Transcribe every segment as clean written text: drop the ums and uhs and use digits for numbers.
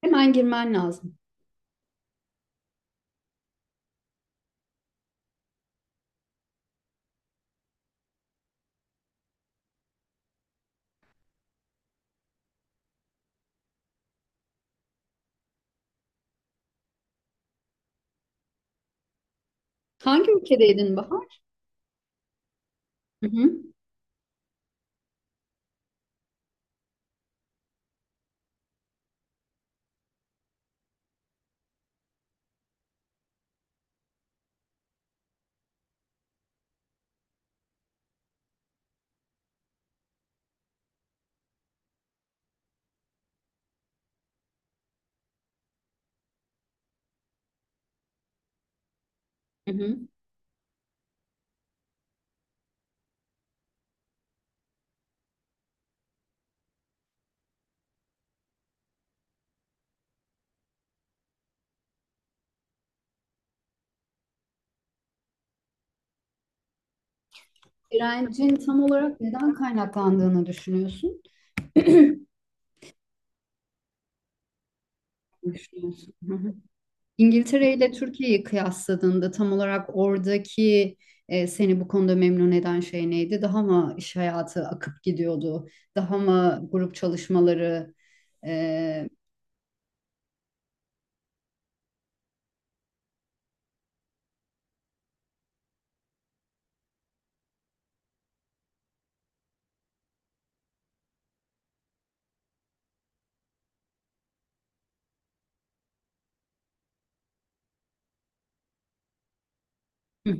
Hemen girmen lazım. Hangi ülkedeydin Bahar? Hı hı. Hı hı. Direncin tam olarak neden kaynaklandığını düşünüyorsun? Düşünüyorsun. Hı hı. İngiltere ile Türkiye'yi kıyasladığında tam olarak oradaki seni bu konuda memnun eden şey neydi? Daha mı iş hayatı akıp gidiyordu? Daha mı grup çalışmaları? E, hı.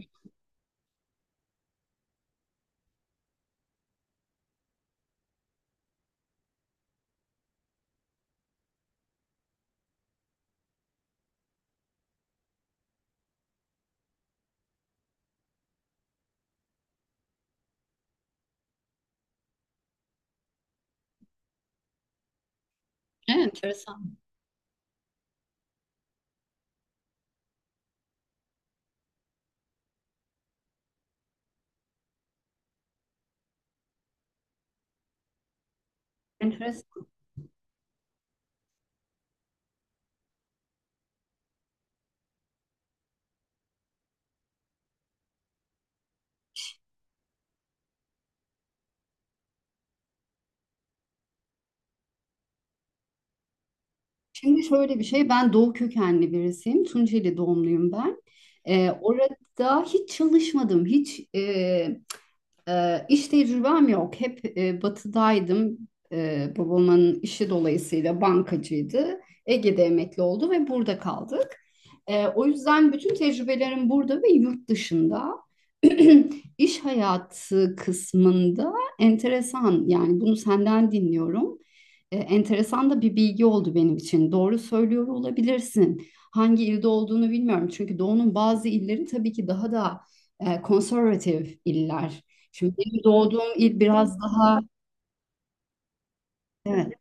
Evet, enteresan. Enteresan. Şimdi şöyle bir şey, ben Doğu kökenli birisiyim. Tunceli doğumluyum ben. Orada hiç çalışmadım, hiç iş tecrübem yok. Hep batıdaydım. Babamın işi dolayısıyla bankacıydı. Ege'de emekli oldu ve burada kaldık. O yüzden bütün tecrübelerim burada ve yurt dışında. İş hayatı kısmında enteresan, yani bunu senden dinliyorum. Enteresan da bir bilgi oldu benim için. Doğru söylüyor olabilirsin. Hangi ilde olduğunu bilmiyorum. Çünkü Doğu'nun bazı illeri tabii ki daha da konservatif iller. Şimdi benim doğduğum il biraz daha evet.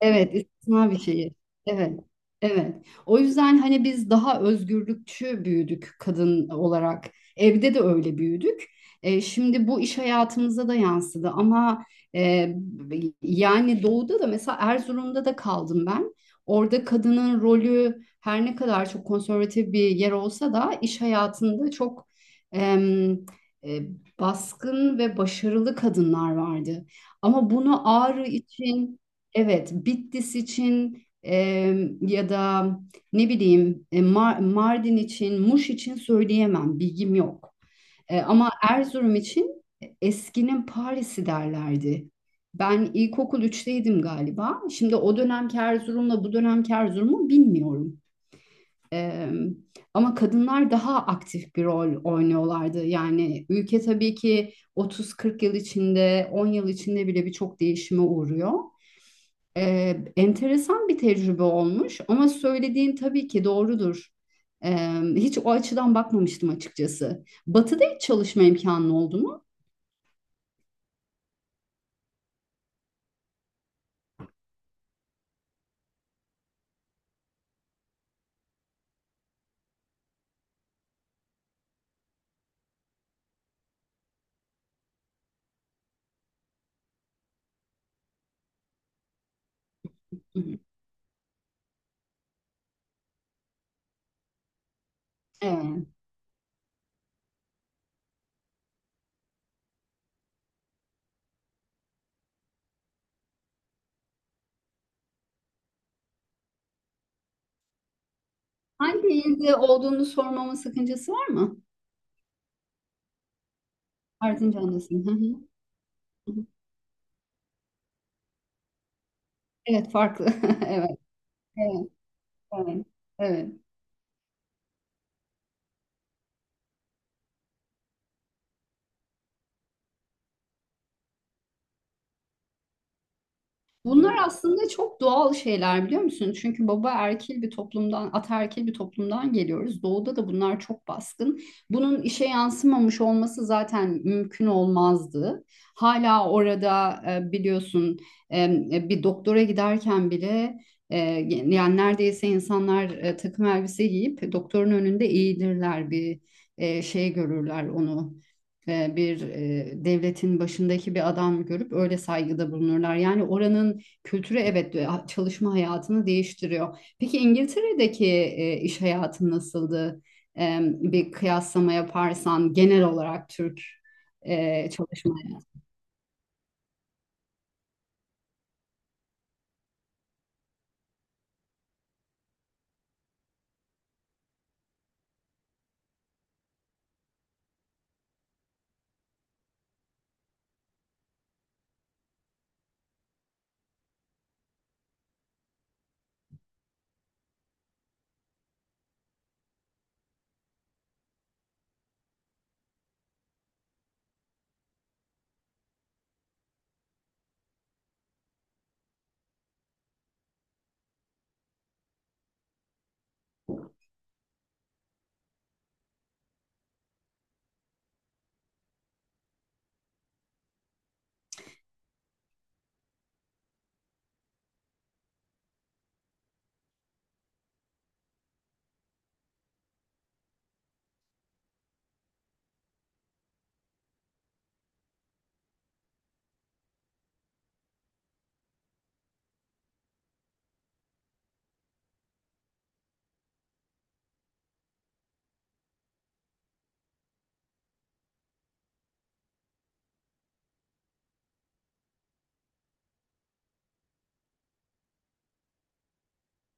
Evet, istisna bir şey. Evet, evet. O yüzden hani biz daha özgürlükçü büyüdük kadın olarak. Evde de öyle büyüdük. Şimdi bu iş hayatımıza da yansıdı ama e, yani doğuda da mesela Erzurum'da da kaldım ben. Orada kadının rolü her ne kadar çok konservatif bir yer olsa da iş hayatında çok em, e, baskın ve başarılı kadınlar vardı. Ama bunu Ağrı için, evet, Bitlis için, ya da ne bileyim, Mardin için, Muş için söyleyemem, bilgim yok. Ama Erzurum için eskinin Paris'i derlerdi. Ben ilkokul üçteydim galiba. Şimdi o dönemki Erzurum'la bu dönemki Erzurum'u bilmiyorum. E, Ama kadınlar daha aktif bir rol oynuyorlardı. Yani ülke tabii ki 30-40 yıl içinde, 10 yıl içinde bile birçok değişime uğruyor. Enteresan bir tecrübe olmuş ama söylediğin tabii ki doğrudur. Ee, Hiç o açıdan bakmamıştım açıkçası. Batı'da hiç çalışma imkanın oldu mu? Hı hı. Evet. Hangi ilde olduğunu sormama sakıncası var mı? Ardınca anlasın. Hı hı. Hı hı. Evet, farklı. Evet. Evet. Evet. Evet. Bunlar aslında çok doğal şeyler, biliyor musun? Çünkü baba erkil bir toplumdan, ataerkil bir toplumdan geliyoruz. Doğuda da bunlar çok baskın. Bunun işe yansımamış olması zaten mümkün olmazdı. Hala orada biliyorsun, bir doktora giderken bile e, yani neredeyse insanlar takım elbise giyip doktorun önünde eğilirler, bir şey görürler, onu bir devletin başındaki bir adam görüp öyle saygıda bulunurlar. Yani oranın kültürü, evet, çalışma hayatını değiştiriyor. Peki İngiltere'deki iş hayatı nasıldı? Bir kıyaslama yaparsan genel olarak Türk çalışma hayatı.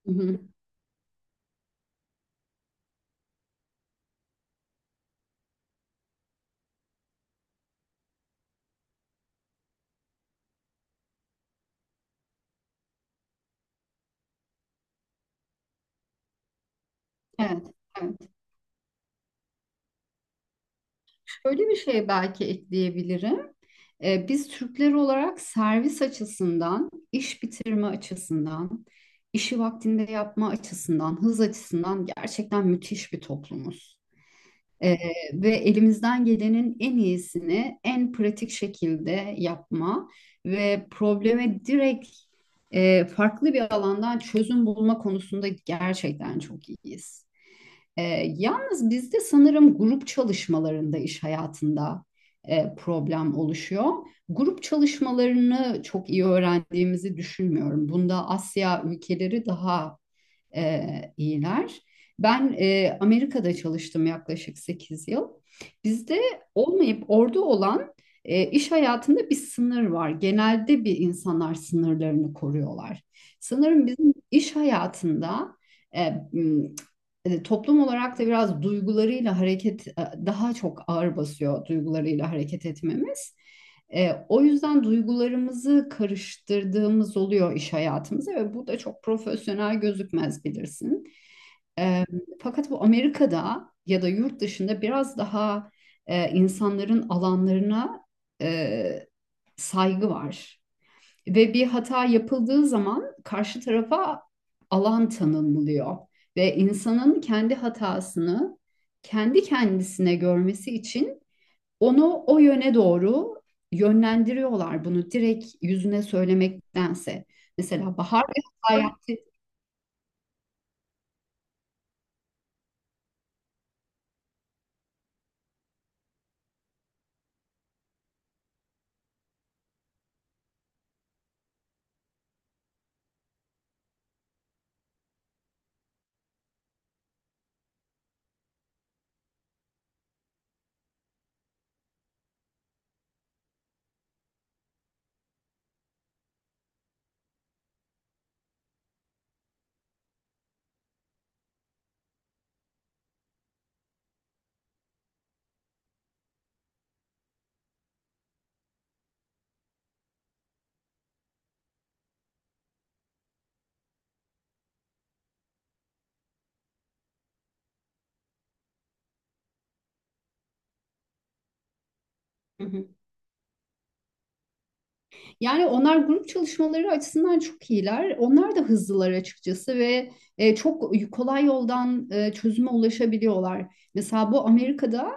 Hı hı. Evet, evet. Şöyle bir şey belki ekleyebilirim. Biz Türkler olarak servis açısından, iş bitirme açısından, işi vaktinde yapma açısından, hız açısından gerçekten müthiş bir toplumuz. Ee, Ve elimizden gelenin en iyisini en pratik şekilde yapma ve probleme direkt farklı bir alandan çözüm bulma konusunda gerçekten çok iyiyiz. Ee, Yalnız bizde sanırım grup çalışmalarında, iş hayatında problem oluşuyor. Grup çalışmalarını çok iyi öğrendiğimizi düşünmüyorum. Bunda Asya ülkeleri daha iyiler. Ben Amerika'da çalıştım yaklaşık 8 yıl. Bizde olmayıp orada olan iş hayatında bir sınır var. Genelde bir insanlar sınırlarını koruyorlar. Sanırım bizim iş hayatında e, m, toplum olarak da biraz duygularıyla hareket daha çok ağır basıyor, duygularıyla hareket etmemiz. O yüzden duygularımızı karıştırdığımız oluyor iş hayatımıza ve bu da çok profesyonel gözükmez, bilirsin. E, Fakat bu Amerika'da ya da yurt dışında biraz daha insanların alanlarına e, saygı var. Ve bir hata yapıldığı zaman karşı tarafa alan tanınılıyor. Ve insanın kendi hatasını kendi kendisine görmesi için onu o yöne doğru yönlendiriyorlar, bunu direkt yüzüne söylemektense. Mesela Bahar bir hata yaptı. Hı hı. Yani onlar grup çalışmaları açısından çok iyiler. Onlar da hızlılar açıkçası ve çok kolay yoldan çözüme ulaşabiliyorlar. Mesela bu Amerika'da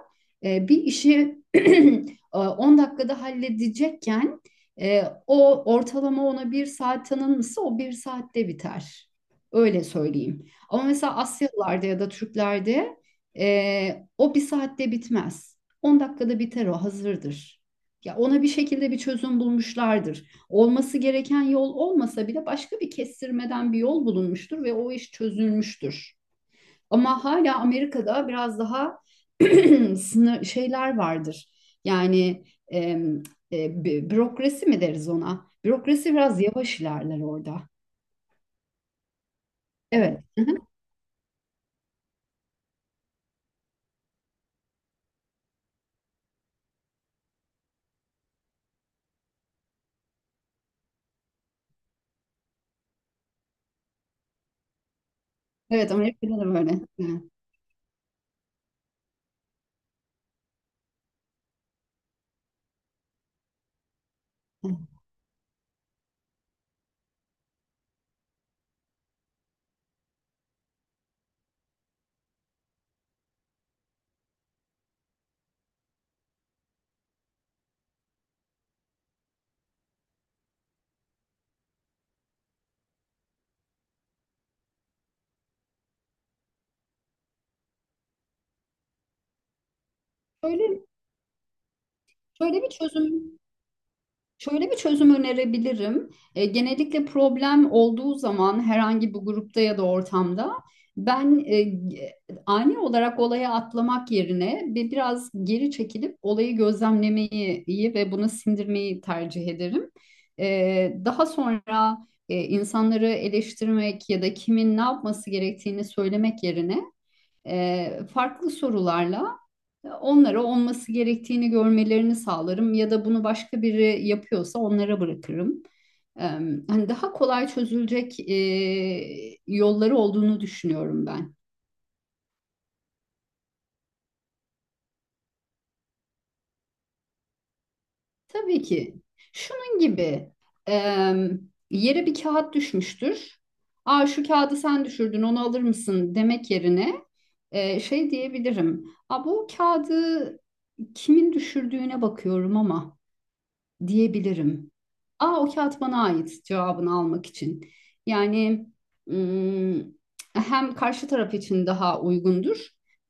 bir işi 10 dakikada halledecekken, o ortalama ona bir saat tanınmışsa, o bir saatte biter. Öyle söyleyeyim. Ama mesela Asyalılarda ya da Türklerde o bir saatte bitmez. 10 dakikada biter, o hazırdır. Ya ona bir şekilde bir çözüm bulmuşlardır. Olması gereken yol olmasa bile başka bir kestirmeden bir yol bulunmuştur ve o iş çözülmüştür. Ama hala Amerika'da biraz daha sınır şeyler vardır. Yani bürokrasi mi deriz ona? Bürokrasi biraz yavaş ilerler orada. Evet. Evet, Amerika'da da böyle. Şöyle, şöyle bir çözüm Şöyle bir çözüm önerebilirim. Genellikle problem olduğu zaman herhangi bir grupta ya da ortamda ben ani olarak olaya atlamak yerine biraz geri çekilip olayı gözlemlemeyi iyi ve bunu sindirmeyi tercih ederim. Daha sonra insanları eleştirmek ya da kimin ne yapması gerektiğini söylemek yerine farklı sorularla onlara olması gerektiğini görmelerini sağlarım ya da bunu başka biri yapıyorsa onlara bırakırım. Eee, Hani daha kolay çözülecek yolları olduğunu düşünüyorum ben. Tabii ki şunun gibi, eee, yere bir kağıt düşmüştür. Aa, şu kağıdı sen düşürdün, onu alır mısın, demek yerine şey diyebilirim. Aa, bu kağıdı kimin düşürdüğüne bakıyorum ama, diyebilirim. Aa, o kağıt bana ait cevabını almak için. Yani ım, hem karşı taraf için daha uygundur.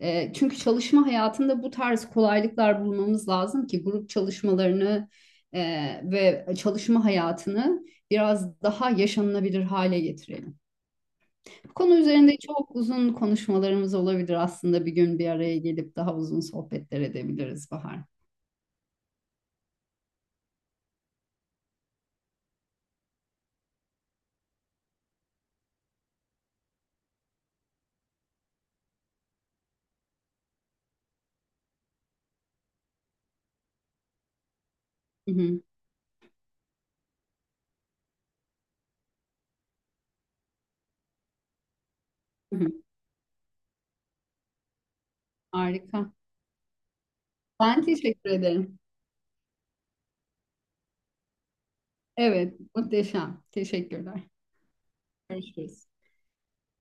Çünkü çalışma hayatında bu tarz kolaylıklar bulmamız lazım ki grup çalışmalarını ve çalışma hayatını biraz daha yaşanılabilir hale getirelim. Bu konu üzerinde çok uzun konuşmalarımız olabilir, aslında bir gün bir araya gelip daha uzun sohbetler edebiliriz Bahar. Hı hı, hı hı. Harika. Ben teşekkür ederim. Evet, muhteşem. Teşekkürler. Görüşürüz.